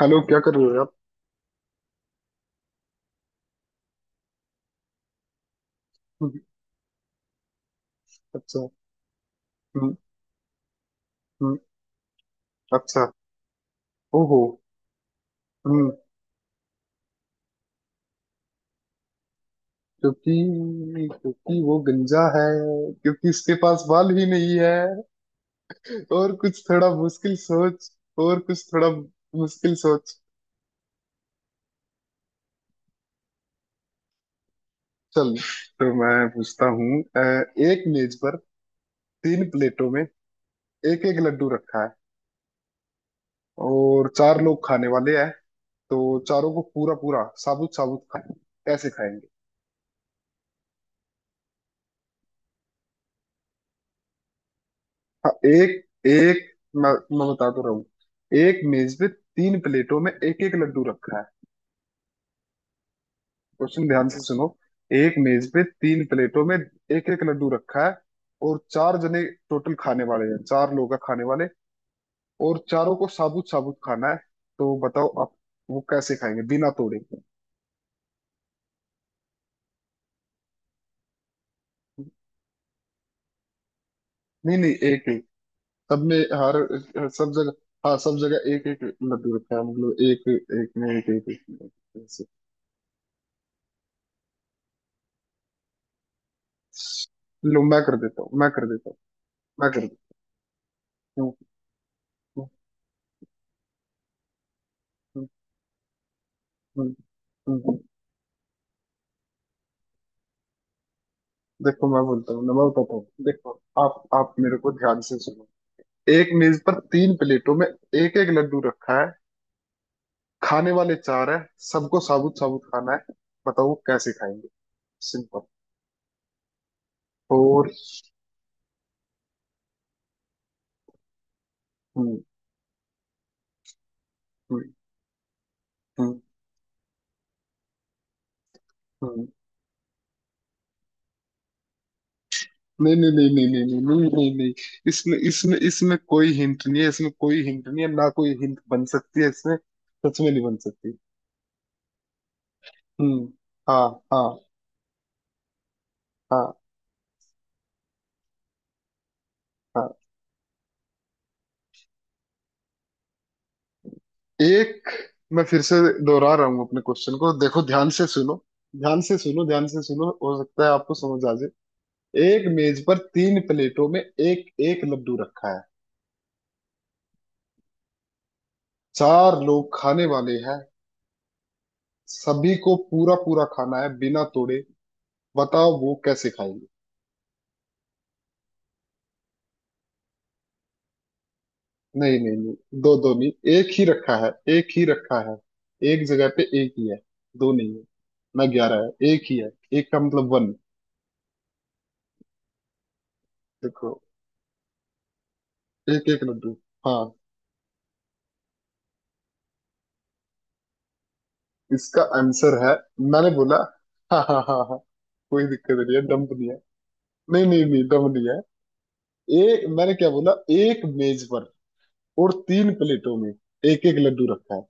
Hello क्या कर रहे हो आप? हम्म, अच्छा। हम्म। हम्म, अच्छा। ओहो। हम्म। क्योंकि क्योंकि वो गंजा है। क्योंकि उसके पास बाल भी नहीं है। और कुछ थोड़ा मुश्किल सोच। और कुछ थोड़ा मुश्किल सोच। चल। तो मैं पूछता हूँ, एक मेज पर तीन प्लेटों में एक एक लड्डू रखा है, और चार लोग खाने वाले हैं। तो चारों को पूरा पूरा, साबुत साबुत खाए, कैसे खाएंगे? हाँ, एक एक। मैं, मैं बता तो रहा हूँ। एक मेज पे तीन प्लेटों में एक एक लड्डू रखा है। क्वेश्चन ध्यान से सुनो। एक मेज पे तीन प्लेटों में एक एक लड्डू रखा है, और चार जने टोटल खाने वाले हैं, चार लोग हैं खाने वाले, और चारों को साबुत साबुत खाना है। तो बताओ आप, वो कैसे खाएंगे बिना तोड़े? नहीं नहीं, एक एक सब में, हर सब जगह। हाँ सब जगह एक एक लड्डू रखा है, मतलब एक एक में एक एक, एक, एक, ऐसे। लो मैं कर देता हूँ, मैं कर देता हूँ। मगरिब। हम्म, हम्म, हम्म, हम्म, हम्म। देखो मैं बोलता हूँ ना, मैं बताता हूँ, देखो। आप मेरे को ध्यान से सुनो। एक मेज पर तीन प्लेटों में एक एक लड्डू रखा है। खाने वाले चार है। सबको साबुत साबुत खाना है। बताओ वो कैसे खाएंगे? सिंपल। और हम्म, हम्म, हम्म, हम्म। नहीं नहीं नहीं नहीं नहीं नहीं नहीं नहीं नहीं। इसमें इसमें इसमें कोई हिंट नहीं है, इसमें कोई हिंट नहीं है, ना कोई हिंट बन सकती है इसमें। सच में नहीं बन सकती। हम्म। हाँ हाँ। हाँ। हाँ। एक, मैं फिर से दोहरा रहा हूँ अपने क्वेश्चन को। देखो ध्यान से सुनो, ध्यान से सुनो, ध्यान से सुनो, हो सकता है आपको समझ आ जाए। एक मेज पर तीन प्लेटों में एक एक लड्डू रखा है। चार लोग खाने वाले हैं। सभी को पूरा पूरा खाना है बिना तोड़े। बताओ वो कैसे खाएंगे? नहीं नहीं नहीं, दो दो नहीं, एक ही रखा है, एक ही रखा है। एक जगह पे एक ही है। दो नहीं है। ना 11 है, एक ही है। एक का मतलब वन। देखो, एक एक लड्डू। हाँ। इसका आंसर है। मैंने बोला। हाँ हाँ हाँ हाँ। कोई दिक्कत नहीं है, दम नहीं है। नहीं नहीं नहीं, दम नहीं है। एक, मैंने क्या बोला? एक मेज पर, और तीन प्लेटों में एक एक लड्डू रखा है।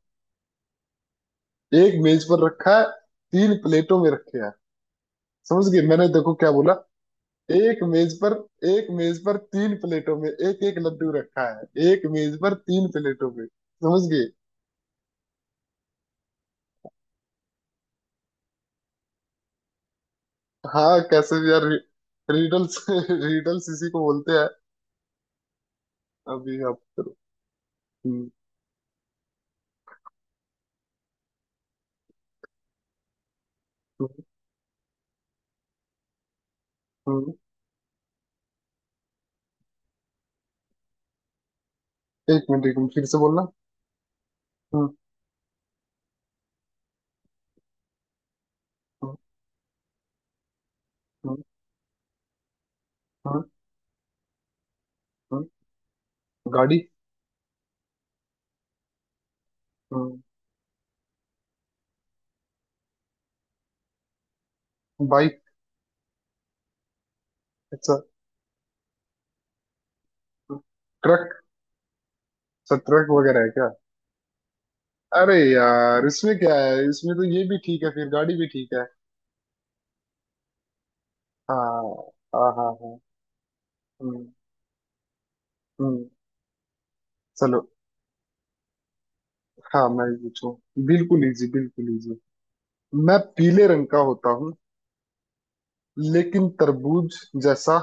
एक मेज पर रखा है, तीन प्लेटों में रखे हैं। समझ गए, मैंने देखो क्या बोला। एक मेज पर, एक मेज पर तीन प्लेटों में एक एक लड्डू रखा है, एक मेज पर तीन प्लेटों में, समझ गए? हाँ कैसे भी यार। रिडल्स रिडल्स इसी को बोलते हैं। अभी आप करो। हम्म, हम्म, हम्म। एक मिनट, एक मिनट फिर से बोलना। हम्म, हम्म, हम्म, हम्म। हम्म, गाड़ी। हम्म। बाइक, अच्छा। हम्म, ट्रक। अच्छा, ट्रक वगैरह है क्या? अरे यार इसमें क्या है, इसमें तो ये भी ठीक है, फिर गाड़ी भी ठीक है। हाँ हाँ हाँ हाँ। हम्म। हम्म। चलो। हाँ, मैं ही पूछूं। बिल्कुल इजी, बिल्कुल इजी। मैं पीले रंग का होता हूँ, लेकिन तरबूज जैसा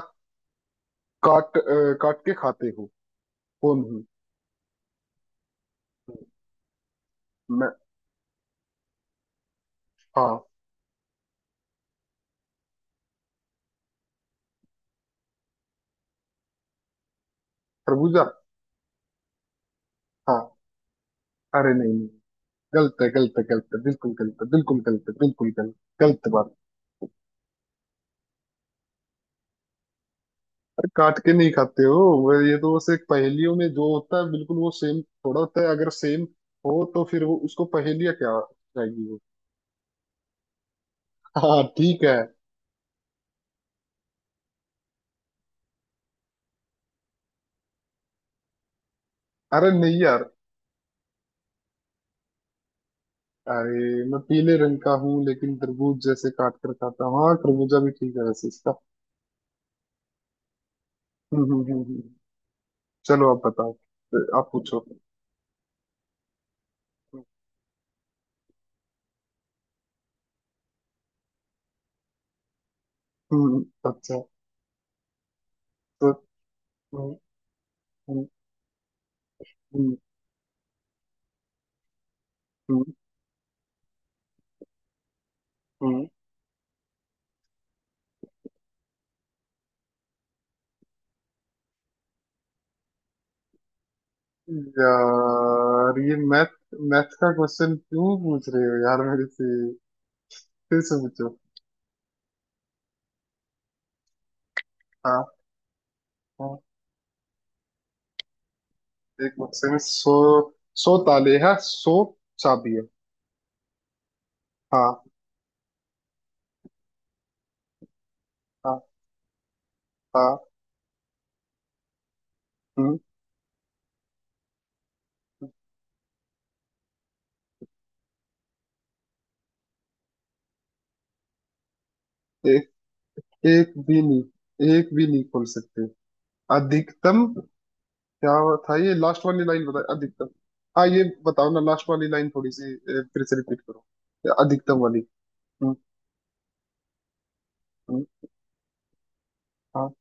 काट अ, काट के खाते हो। कौन हूँ मैं? हाँ। तरबूजा। हाँ। अरे नहीं नहीं, गलत है, गलत है, गलत है, बिल्कुल गलत है, बिल्कुल गलत है, बिल्कुल गलत। गलत बात है, काट के नहीं खाते हो। ये तो बस एक पहेलियों में जो होता है, बिल्कुल वो सेम थोड़ा होता है। अगर सेम हो तो फिर वो उसको पहेलिया क्या जाएगी वो। हाँ ठीक है। अरे नहीं यार। अरे, मैं पीले रंग का हूँ लेकिन तरबूज जैसे काट कर खाता हूँ। हाँ, खरबूजा भी ठीक है वैसे इसका। हम्म हम्म हम्म हम्म। चलो आप बताओ, आप पूछो। हम्म। हम्म, अच्छा। तो हम्म, हम्म, हम्म, हम्म, हम्म, यार ये मैथ, मैथ का क्वेश्चन क्यों पूछ रहे हो यार मेरे से? फिर से पूछो। हाँ। हाँ। एक बक्से में सो ताले हैं, 100 चाबी है। हाँ। हाँ। हाँ। हम्म, एक, एक भी नहीं, एक भी नहीं खोल सकते। अधिकतम? क्या था ये, लास्ट वाली लाइन बताए, अधिकतम? हाँ ये बताओ ना, लास्ट वाली लाइन थोड़ी सी, फिर से रिपीट करो। ये अधिकतम वाली। हम्म। हम्म, हाँ।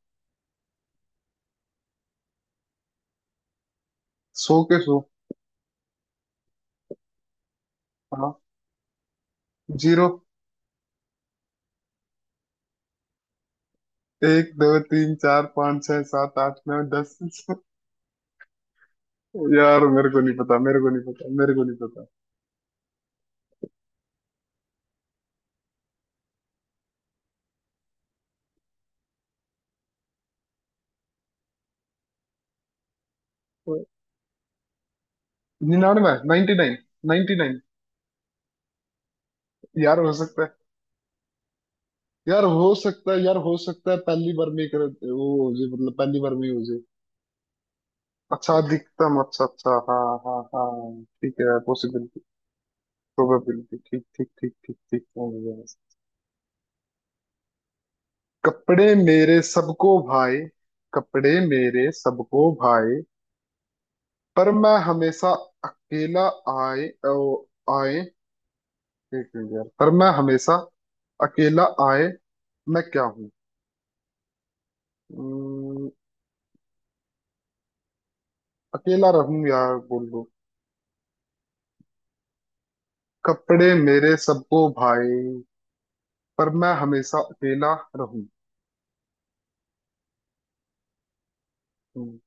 सो के सो। हाँ, जीरो। एक, दो, तीन, चार, पाँच, छह, सात, आठ, नौ, 10। यार मेरे को नहीं पता, मेरे को नहीं पता, मेरे को नहीं पता। 99, 99, 99। यार हो सकता है, यार हो सकता है, यार हो सकता है पहली बार में कर वो हो जाए, मतलब पहली बार में ही हो जाए। अच्छा, अधिकतम, अच्छा अच्छा, हाँ हाँ हाँ, ठीक है, पॉसिबिलिटी। प्रोबेबिलिटी, ठीक ठीक ठीक ठीक ठीक, समझ गया। कपड़े मेरे सबको भाई। कपड़े मेरे सबको भाई, पर मैं हमेशा अकेला आए ओ, आए। एक मिनट यार, पर मैं हमेशा अकेला आए। मैं क्या हूँ? अम्म, अकेला रहूं, यार बोल दो। कपड़े मेरे सबको भाई, पर मैं हमेशा अकेला रहूं। हम्म,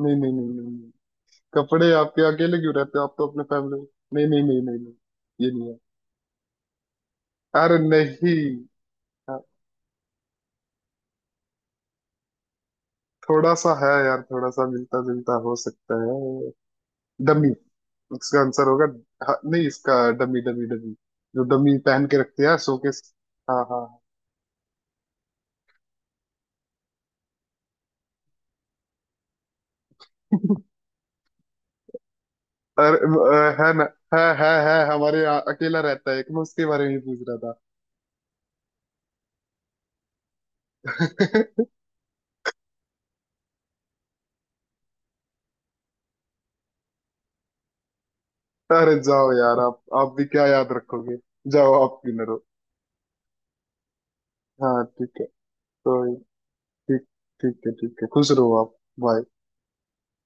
नहीं नहीं नहीं नहीं नहीं। कपड़े आपके अकेले क्यों रहते हो, आप तो अपने फैमिली? नहीं नहीं नहीं नहीं नहीं। ये नहीं है। अरे नहीं। थोड़ा सा है यार, थोड़ा सा मिलता जुलता हो सकता है। डमी इसका आंसर होगा। हाँ, नहीं इसका, डमी डमी डमी, जो डमी पहन के रखते हैं शोकेस। हाँ हाँ। अरे है ना, है हमारे यहाँ अकेला रहता है एक, मैं उसके बारे में ही पूछ रहा था। अरे जाओ यार, आप भी क्या याद रखोगे। जाओ, आप विनर हो। हाँ ठीक है। तो, ठीक, ठीक है, ठीक है, खुश रहो आप। बाय।